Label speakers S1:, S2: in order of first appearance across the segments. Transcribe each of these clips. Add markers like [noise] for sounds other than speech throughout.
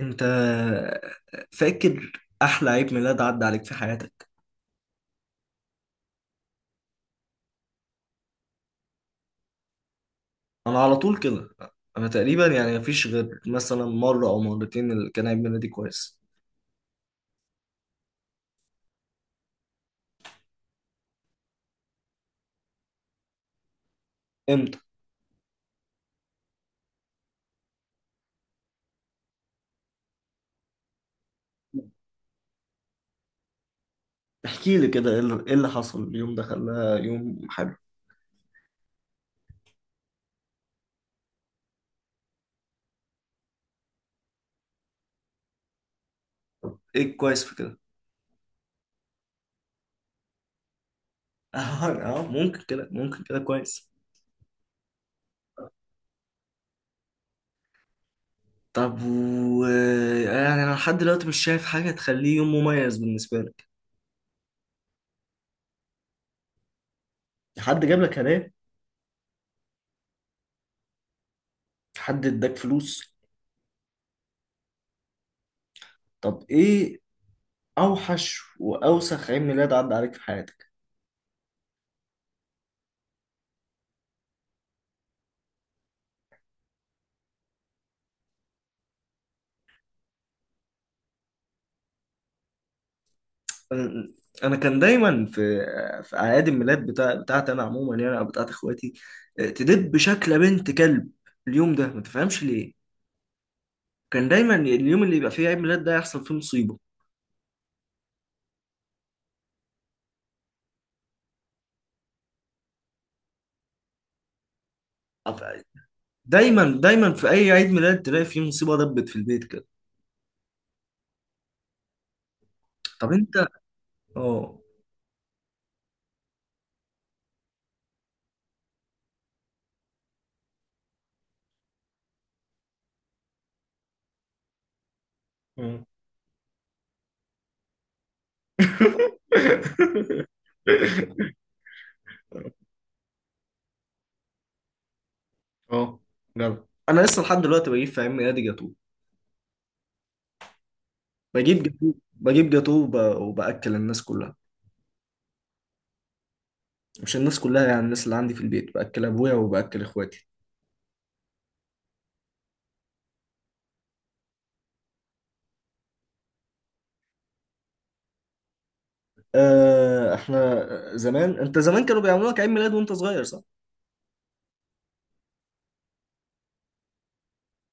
S1: انت فاكر احلى عيد ميلاد عدى عليك في حياتك؟ انا على طول كده. انا تقريبا يعني مفيش غير مثلا مره او مرتين اللي كان عيد ميلادي كويس. امتى؟ احكي لي كده، ايه اللي إيه اللي حصل اليوم ده خلاه يوم حلو؟ ايه الكويس في كده؟ [laughs] اه. ممكن كده، ممكن كده كويس. طب، يعني انا لحد دلوقتي مش شايف حاجه تخليه يوم مميز بالنسبه لك. حد جاب لك هدايا؟ حد اداك فلوس؟ طب ايه اوحش واوسخ عيد ميلاد عدى عليك في حياتك؟ انا كان دايما في اعياد الميلاد بتاعتي انا عموما، يعني او بتاعت اخواتي. تدب شكل بنت كلب اليوم ده، ما تفهمش ليه. كان دايما اليوم اللي يبقى فيه عيد ميلاد ده يحصل فيه مصيبه. طب دايما دايما في اي عيد ميلاد تلاقي فيه مصيبه دبت في البيت كده. طب انت، اه. مم. [laughs] اه. جرب، انا لسه لحد دلوقتي بجيب في عيد ميلادي جاتوه، بجيب جاتوه وباكل الناس كلها. مش الناس كلها، يعني الناس اللي عندي في البيت، باكل ابويا وباكل اخواتي. احنا زمان، انت زمان كانوا بيعملوا لك عيد ميلاد وانت صغير، صح؟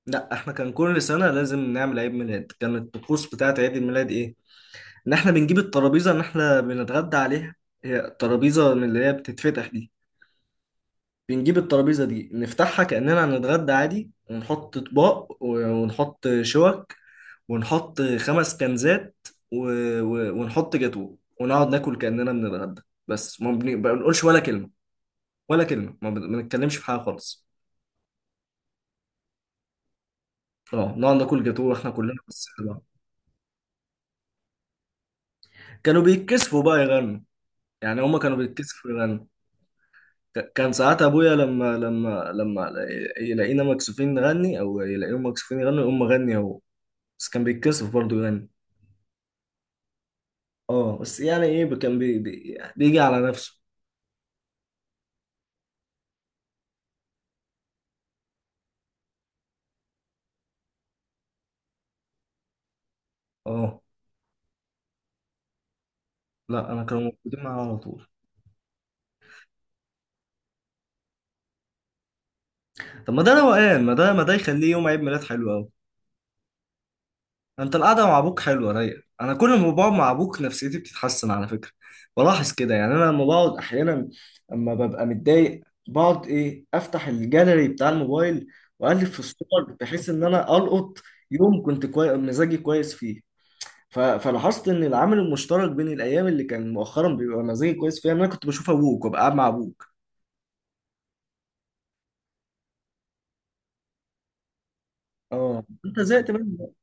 S1: لا، احنا كان كل سنه لازم نعمل عيد ميلاد. كانت الطقوس بتاعت عيد الميلاد ايه؟ ان احنا بنجيب الترابيزه، ان احنا بنتغدى عليها. هي الترابيزه من اللي هي بتتفتح دي. بنجيب الترابيزه دي نفتحها كاننا هنتغدى عادي، ونحط اطباق، ونحط شوك، ونحط خمس كنزات، و... ونحط جاتوه، ونقعد ناكل كأننا بنتغدى. بس ما بنقولش ولا كلمة، ولا كلمة، ما بنتكلمش في حاجة خالص. اه، نقعد ناكل جاتوه واحنا كلنا بس بقى. كانوا بيتكسفوا بقى يغنوا. يعني هما كانوا بيتكسفوا يغنوا. كان ساعات ابويا لما يلاقينا مكسوفين نغني او يلاقيهم مكسوفين يغنوا، يقوم مغني هو. بس كان بيتكسف برضه يغني. اه، بس يعني ايه، كان بيجي على نفسه. اه، لا، انا كانوا موجودين معايا على طول. طب ما ده روقان، ما ده يخليه يوم عيد ميلاد حلو قوي. انت القعده مع ابوك حلوه رايقه، انا كل ما بقعد مع ابوك نفسيتي بتتحسن على فكره. بلاحظ كده يعني، انا لما بقعد احيانا، اما ببقى متضايق، بقعد ايه، افتح الجاليري بتاع الموبايل واقلب في الصور بحيث ان انا القط يوم كنت مزاجي كويس فيه. فلاحظت ان العامل المشترك بين الايام اللي كان مؤخرا بيبقى مزاجي كويس فيها ان انا كنت بشوف ابوك وابقى قاعد مع ابوك. اه، انت زهقت منه بقى.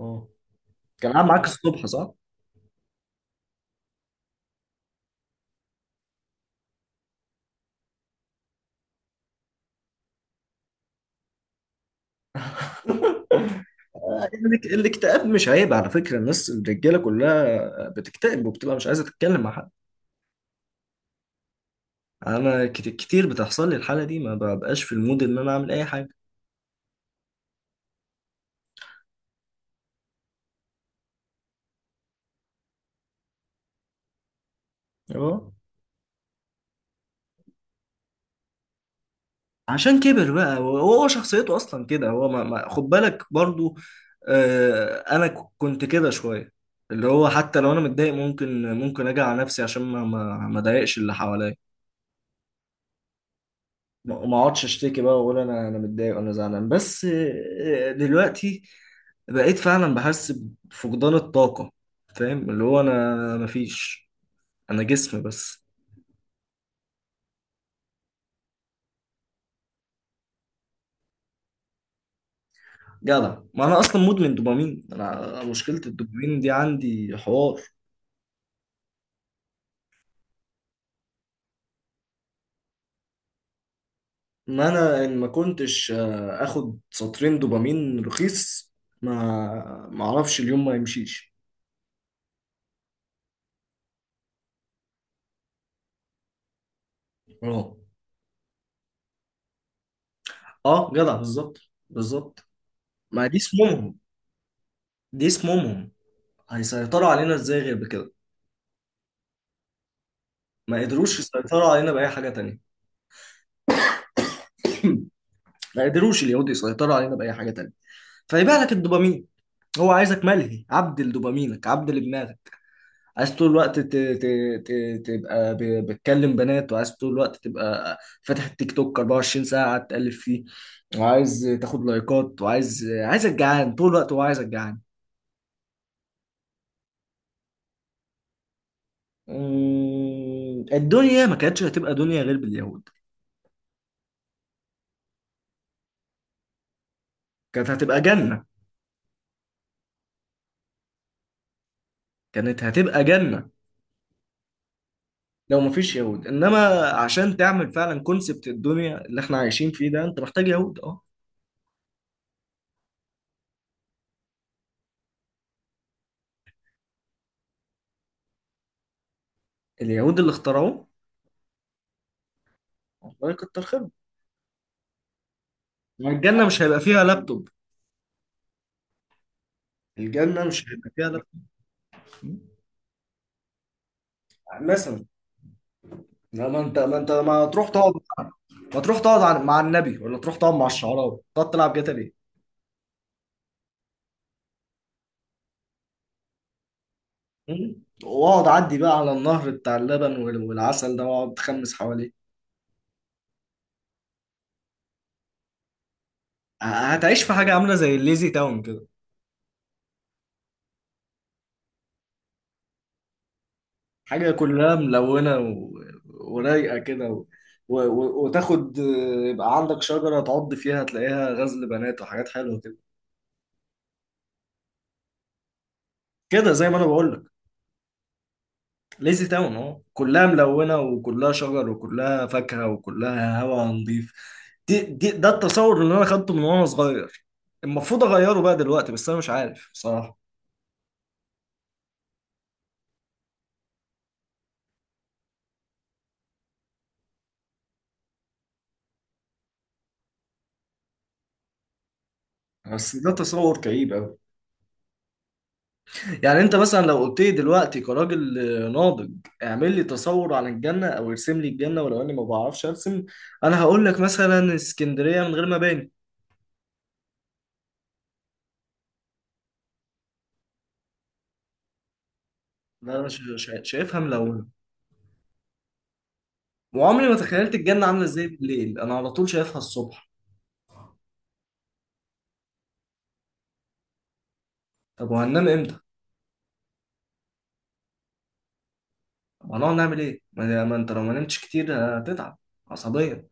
S1: اه، كان قاعد معاك الصبح، صح؟ الاكتئاب مش عيب على فكرة، الناس الرجالة كلها بتكتئب وبتبقى مش عايزة تتكلم مع حد. انا كتير بتحصل لي الحالة دي، ما ببقاش في المود ان انا اعمل اي حاجة. اه، عشان كبر بقى. هو شخصيته اصلا كده، هو خد بالك برضو. انا كنت كده شوية، اللي هو حتى لو انا متضايق ممكن اجي على نفسي عشان ما اضايقش اللي حواليا. ما اقعدش اشتكي بقى واقول انا متضايق وانا زعلان بس. دلوقتي بقيت فعلا بحس بفقدان الطاقة. فاهم اللي هو انا مفيش، انا جسم بس. جدع، ما انا اصلا مدمن دوبامين، انا مشكلة الدوبامين دي عندي حوار. ما انا ما كنتش اخد سطرين دوبامين رخيص، ما اعرفش اليوم ما يمشيش. اه، اه، جدع بالظبط. بالظبط. ما دي اسمهم، دي اسمهم هيسيطروا علينا ازاي غير بكده؟ ما قدروش يسيطروا علينا بأي حاجة تانية. [clears throat] ما قدروش اليهود يسيطروا علينا بأي حاجة تانية. فيبيع لك الدوبامين، هو عايزك ملهي، عبد لدوبامينك، عبد لدماغك. عايز طول الوقت ت... تبقى بتكلم بنات، وعايز طول الوقت تبقى فاتح التيك توك 24 ساعة قاعد تقلب فيه. وعايز تاخد لايكات، عايزك جعان طول الوقت، هو عايزك جعان. الدنيا ما كانتش هتبقى دنيا غير باليهود. كانت هتبقى جنة. كانت هتبقى جنة لو مفيش يهود. انما عشان تعمل فعلا كونسبت الدنيا اللي احنا عايشين فيه ده، انت محتاج يهود اه. اليهود اللي اخترعوه، الله يكتر خيرهم. ما الجنه مش هيبقى فيها لابتوب. الجنه مش هيبقى فيها لابتوب، مثلا. لا، ما انت ما تروح تقعد، ما تروح تقعد مع النبي، ولا تروح تقعد مع الشعراء، تقعد تلعب جاتا ليه؟ مم؟ واقعد عدي بقى على النهر بتاع اللبن والعسل ده واقعد تخمس حواليه. هتعيش في حاجه عامله زي الليزي تاون كده. حاجة كلها ملونة، ورايقة كده، وتاخد، يبقى عندك شجرة تعض فيها تلاقيها غزل بنات وحاجات حلوة كده. كده زي ما انا بقول لك. ليزي تاون اهو، كلها ملونة وكلها شجر وكلها فاكهة وكلها هواء نظيف. دي... دي ده التصور اللي انا خدته من وانا صغير. المفروض اغيره بقى دلوقتي، بس انا مش عارف بصراحة. بس ده تصور كئيب. يعني انت مثلا لو قلت لي دلوقتي كراجل ناضج، اعمل لي تصور عن الجنة او ارسم لي الجنة، ولو اني ما بعرفش ارسم، انا هقول لك مثلا اسكندرية من غير مباني. ده انا شايفها ملونة، وعمري ما تخيلت الجنة عاملة ازاي بالليل، انا على طول شايفها الصبح. طب وهننام امتى؟ طب هنقعد نعمل ايه؟ ما انت لو ما نمتش كتير هتتعب عصبيا.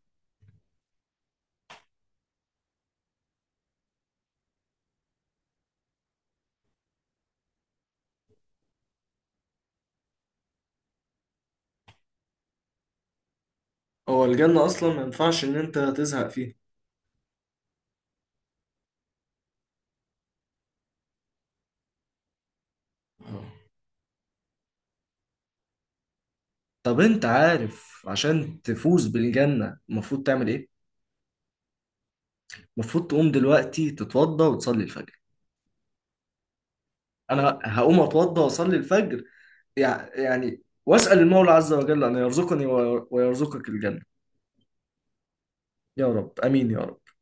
S1: هو الجنة اصلا ما ينفعش ان انت تزهق فيها. آه. طب انت عارف عشان تفوز بالجنة المفروض تعمل ايه؟ المفروض تقوم دلوقتي تتوضى وتصلي الفجر. انا هقوم اتوضى واصلي الفجر. يعني واسال المولى عز وجل ان يرزقني ويرزقك الجنه. يا رب، امين يا رب.